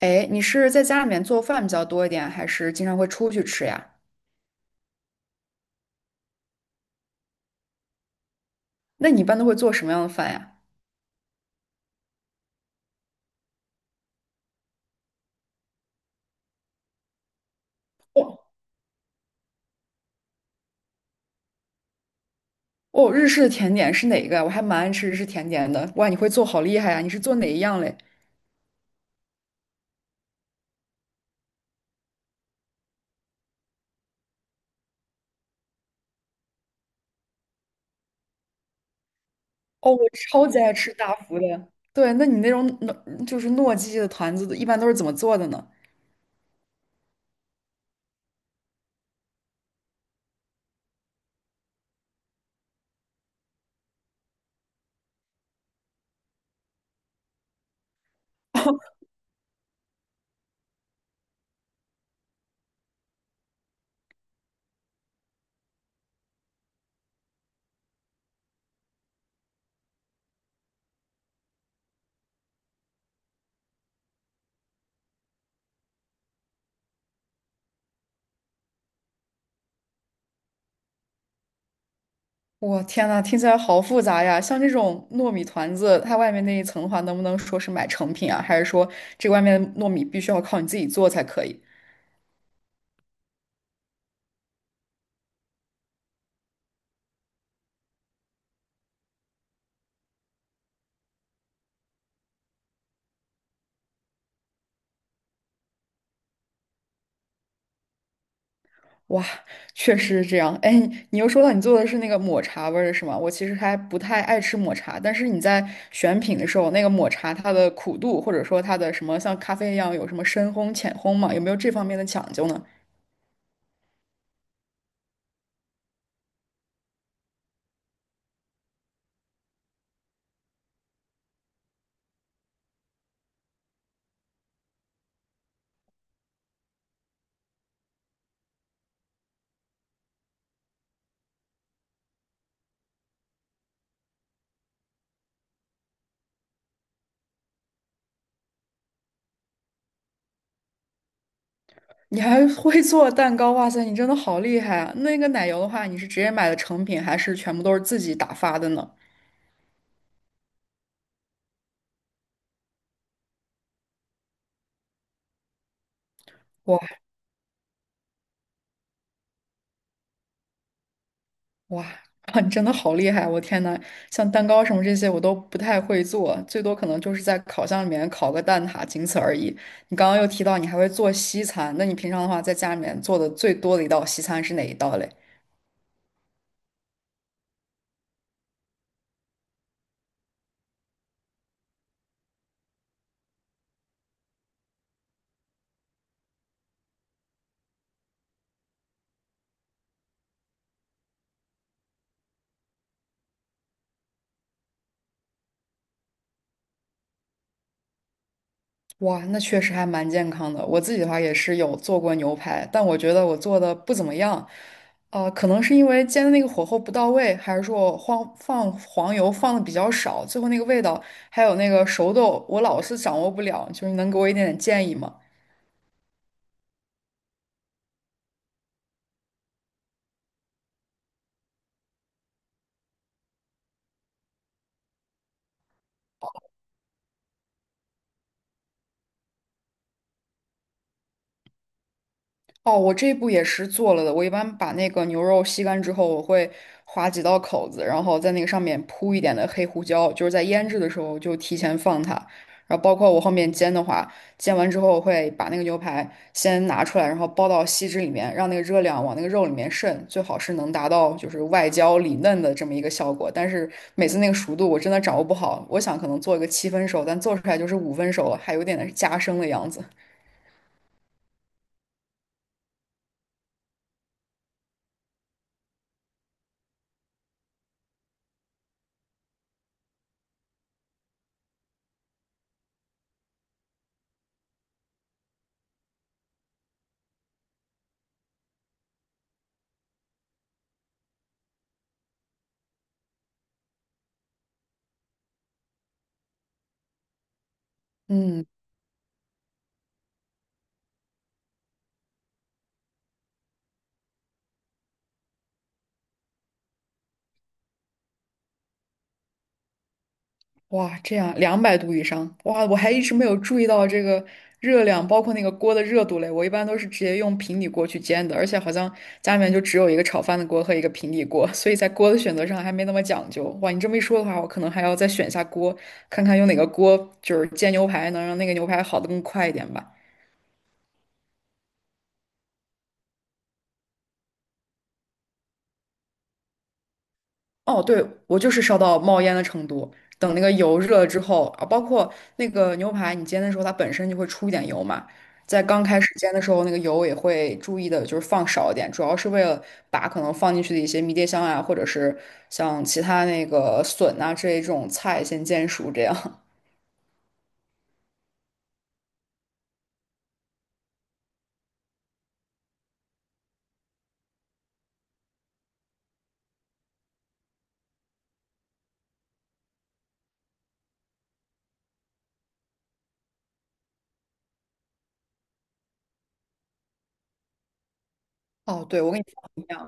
哎，你是在家里面做饭比较多一点，还是经常会出去吃呀？那你一般都会做什么样的饭呀？哦，哦，日式的甜点是哪个呀？我还蛮爱吃日式甜点的。哇，你会做好厉害呀！你是做哪一样嘞？哦，我超级爱吃大福的。对，那你那种糯就是糯叽叽的团子，一般都是怎么做的呢？我天呐，听起来好复杂呀！像这种糯米团子，它外面那一层的话，能不能说是买成品啊？还是说这外面的糯米必须要靠你自己做才可以？哇，确实是这样。哎，你又说到你做的是那个抹茶味儿的是吗？我其实还不太爱吃抹茶，但是你在选品的时候，那个抹茶它的苦度，或者说它的什么像咖啡一样有什么深烘、浅烘嘛，有没有这方面的讲究呢？你还会做蛋糕，哇塞，你真的好厉害啊！那个奶油的话，你是直接买的成品，还是全部都是自己打发的呢？哇。哇，哇你真的好厉害！我天呐，像蛋糕什么这些我都不太会做，最多可能就是在烤箱里面烤个蛋挞，仅此而已。你刚刚又提到你还会做西餐，那你平常的话在家里面做的最多的一道西餐是哪一道嘞？哇，那确实还蛮健康的。我自己的话也是有做过牛排，但我觉得我做的不怎么样。可能是因为煎的那个火候不到位，还是说我放黄油放的比较少，最后那个味道还有那个熟豆，我老是掌握不了。就是你能给我一点点建议吗？哦，我这一步也是做了的。我一般把那个牛肉吸干之后，我会划几道口子，然后在那个上面铺一点的黑胡椒，就是在腌制的时候就提前放它。然后包括我后面煎的话，煎完之后我会把那个牛排先拿出来，然后包到锡纸里面，让那个热量往那个肉里面渗，最好是能达到就是外焦里嫩的这么一个效果。但是每次那个熟度我真的掌握不好，我想可能做一个七分熟，但做出来就是五分熟了，还有点加生的样子。嗯。哇，这样200度以上，哇，我还一直没有注意到这个热量，包括那个锅的热度嘞。我一般都是直接用平底锅去煎的，而且好像家里面就只有一个炒饭的锅和一个平底锅，所以在锅的选择上还没那么讲究。哇，你这么一说的话，我可能还要再选一下锅，看看用哪个锅，就是煎牛排能让那个牛排好的更快一点吧。哦，对，我就是烧到冒烟的程度。等那个油热了之后，啊，包括那个牛排，你煎的时候它本身就会出一点油嘛，在刚开始煎的时候，那个油也会注意的，就是放少一点，主要是为了把可能放进去的一些迷迭香啊，或者是像其他那个笋啊这一种菜先煎熟，这样。哦，对，我跟你一样。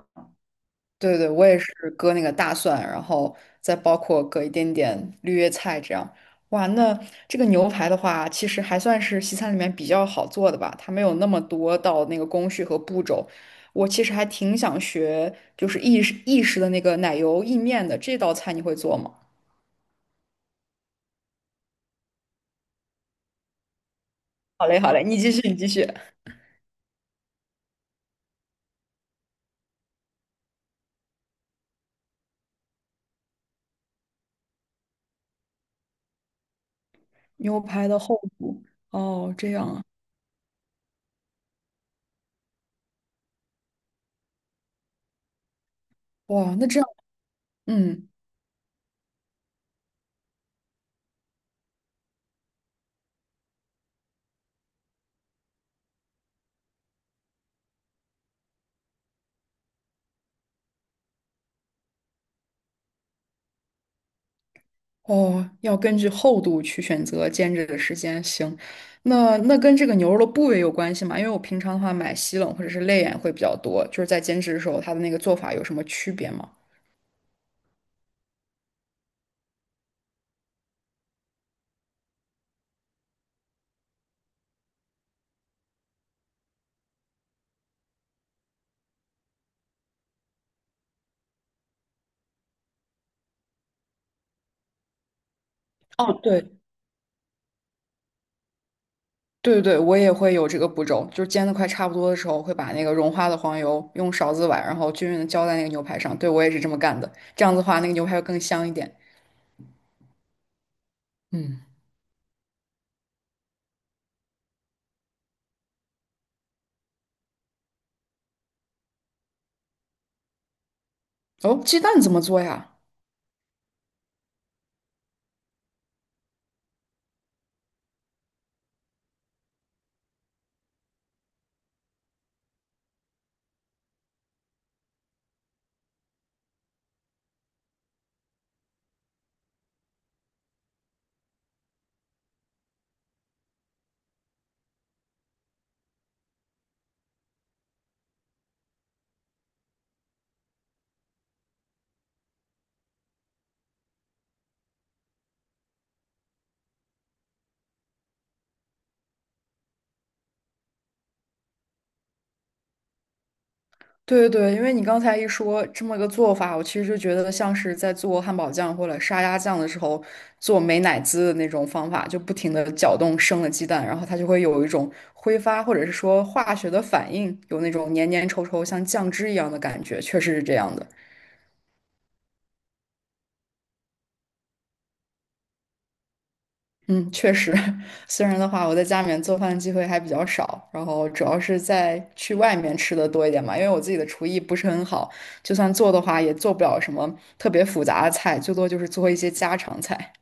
对对，我也是割那个大蒜，然后再包括割一点点绿叶菜这样。哇，那这个牛排的话，其实还算是西餐里面比较好做的吧，它没有那么多道那个工序和步骤。我其实还挺想学，就是意式的那个奶油意面的这道菜，你会做吗？好嘞，好嘞，你继续，你继续。牛排的厚度，哦，这样啊，哇，那这样，嗯。哦，要根据厚度去选择煎制的时间。行，那跟这个牛肉的部位有关系吗？因为我平常的话买西冷或者是肋眼会比较多，就是在煎制的时候，它的那个做法有什么区别吗？哦，对对对，我也会有这个步骤，就是煎的快差不多的时候，会把那个融化的黄油用勺子崴，然后均匀的浇在那个牛排上。对，我也是这么干的，这样子的话，那个牛排会更香一点。嗯，哦，鸡蛋怎么做呀？对对对，因为你刚才一说这么个做法，我其实就觉得像是在做汉堡酱或者沙拉酱的时候做美乃滋的那种方法，就不停的搅动生的鸡蛋，然后它就会有一种挥发或者是说化学的反应，有那种黏黏稠稠像酱汁一样的感觉，确实是这样的。嗯，确实，虽然的话，我在家里面做饭的机会还比较少，然后主要是在去外面吃的多一点嘛，因为我自己的厨艺不是很好，就算做的话，也做不了什么特别复杂的菜，最多就是做一些家常菜。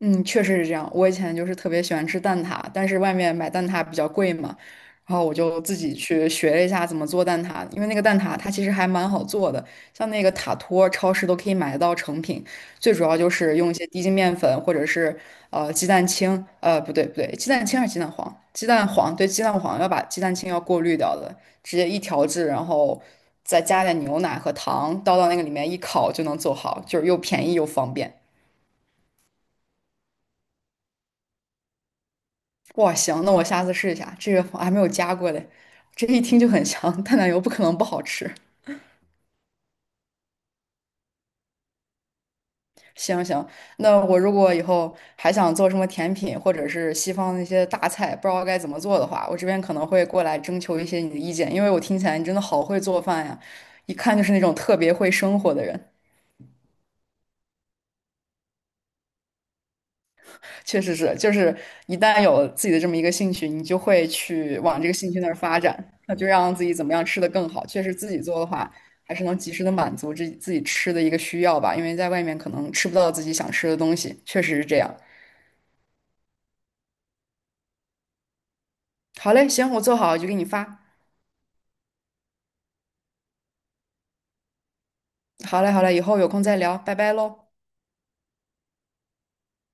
嗯，确实是这样。我以前就是特别喜欢吃蛋挞，但是外面买蛋挞比较贵嘛，然后我就自己去学了一下怎么做蛋挞。因为那个蛋挞它其实还蛮好做的，像那个塔托，超市都可以买得到成品。最主要就是用一些低筋面粉或者是鸡蛋清，不对不对，鸡蛋清还是鸡蛋黄？鸡蛋黄对，鸡蛋黄要把鸡蛋清要过滤掉的，直接一调制，然后再加点牛奶和糖，倒到那个里面一烤就能做好，就是又便宜又方便。哇，行，那我下次试一下，这个我还没有加过嘞，这一听就很香，淡奶油不可能不好吃。行行，那我如果以后还想做什么甜品，或者是西方那些大菜，不知道该怎么做的话，我这边可能会过来征求一些你的意见，因为我听起来你真的好会做饭呀，一看就是那种特别会生活的人。确实是，就是一旦有自己的这么一个兴趣，你就会去往这个兴趣那儿发展，那就让自己怎么样吃得更好。确实自己做的话，还是能及时的满足自己吃的一个需要吧，因为在外面可能吃不到自己想吃的东西，确实是这样。好嘞，行，我做好就给你发。好嘞，好嘞，以后有空再聊，拜拜喽。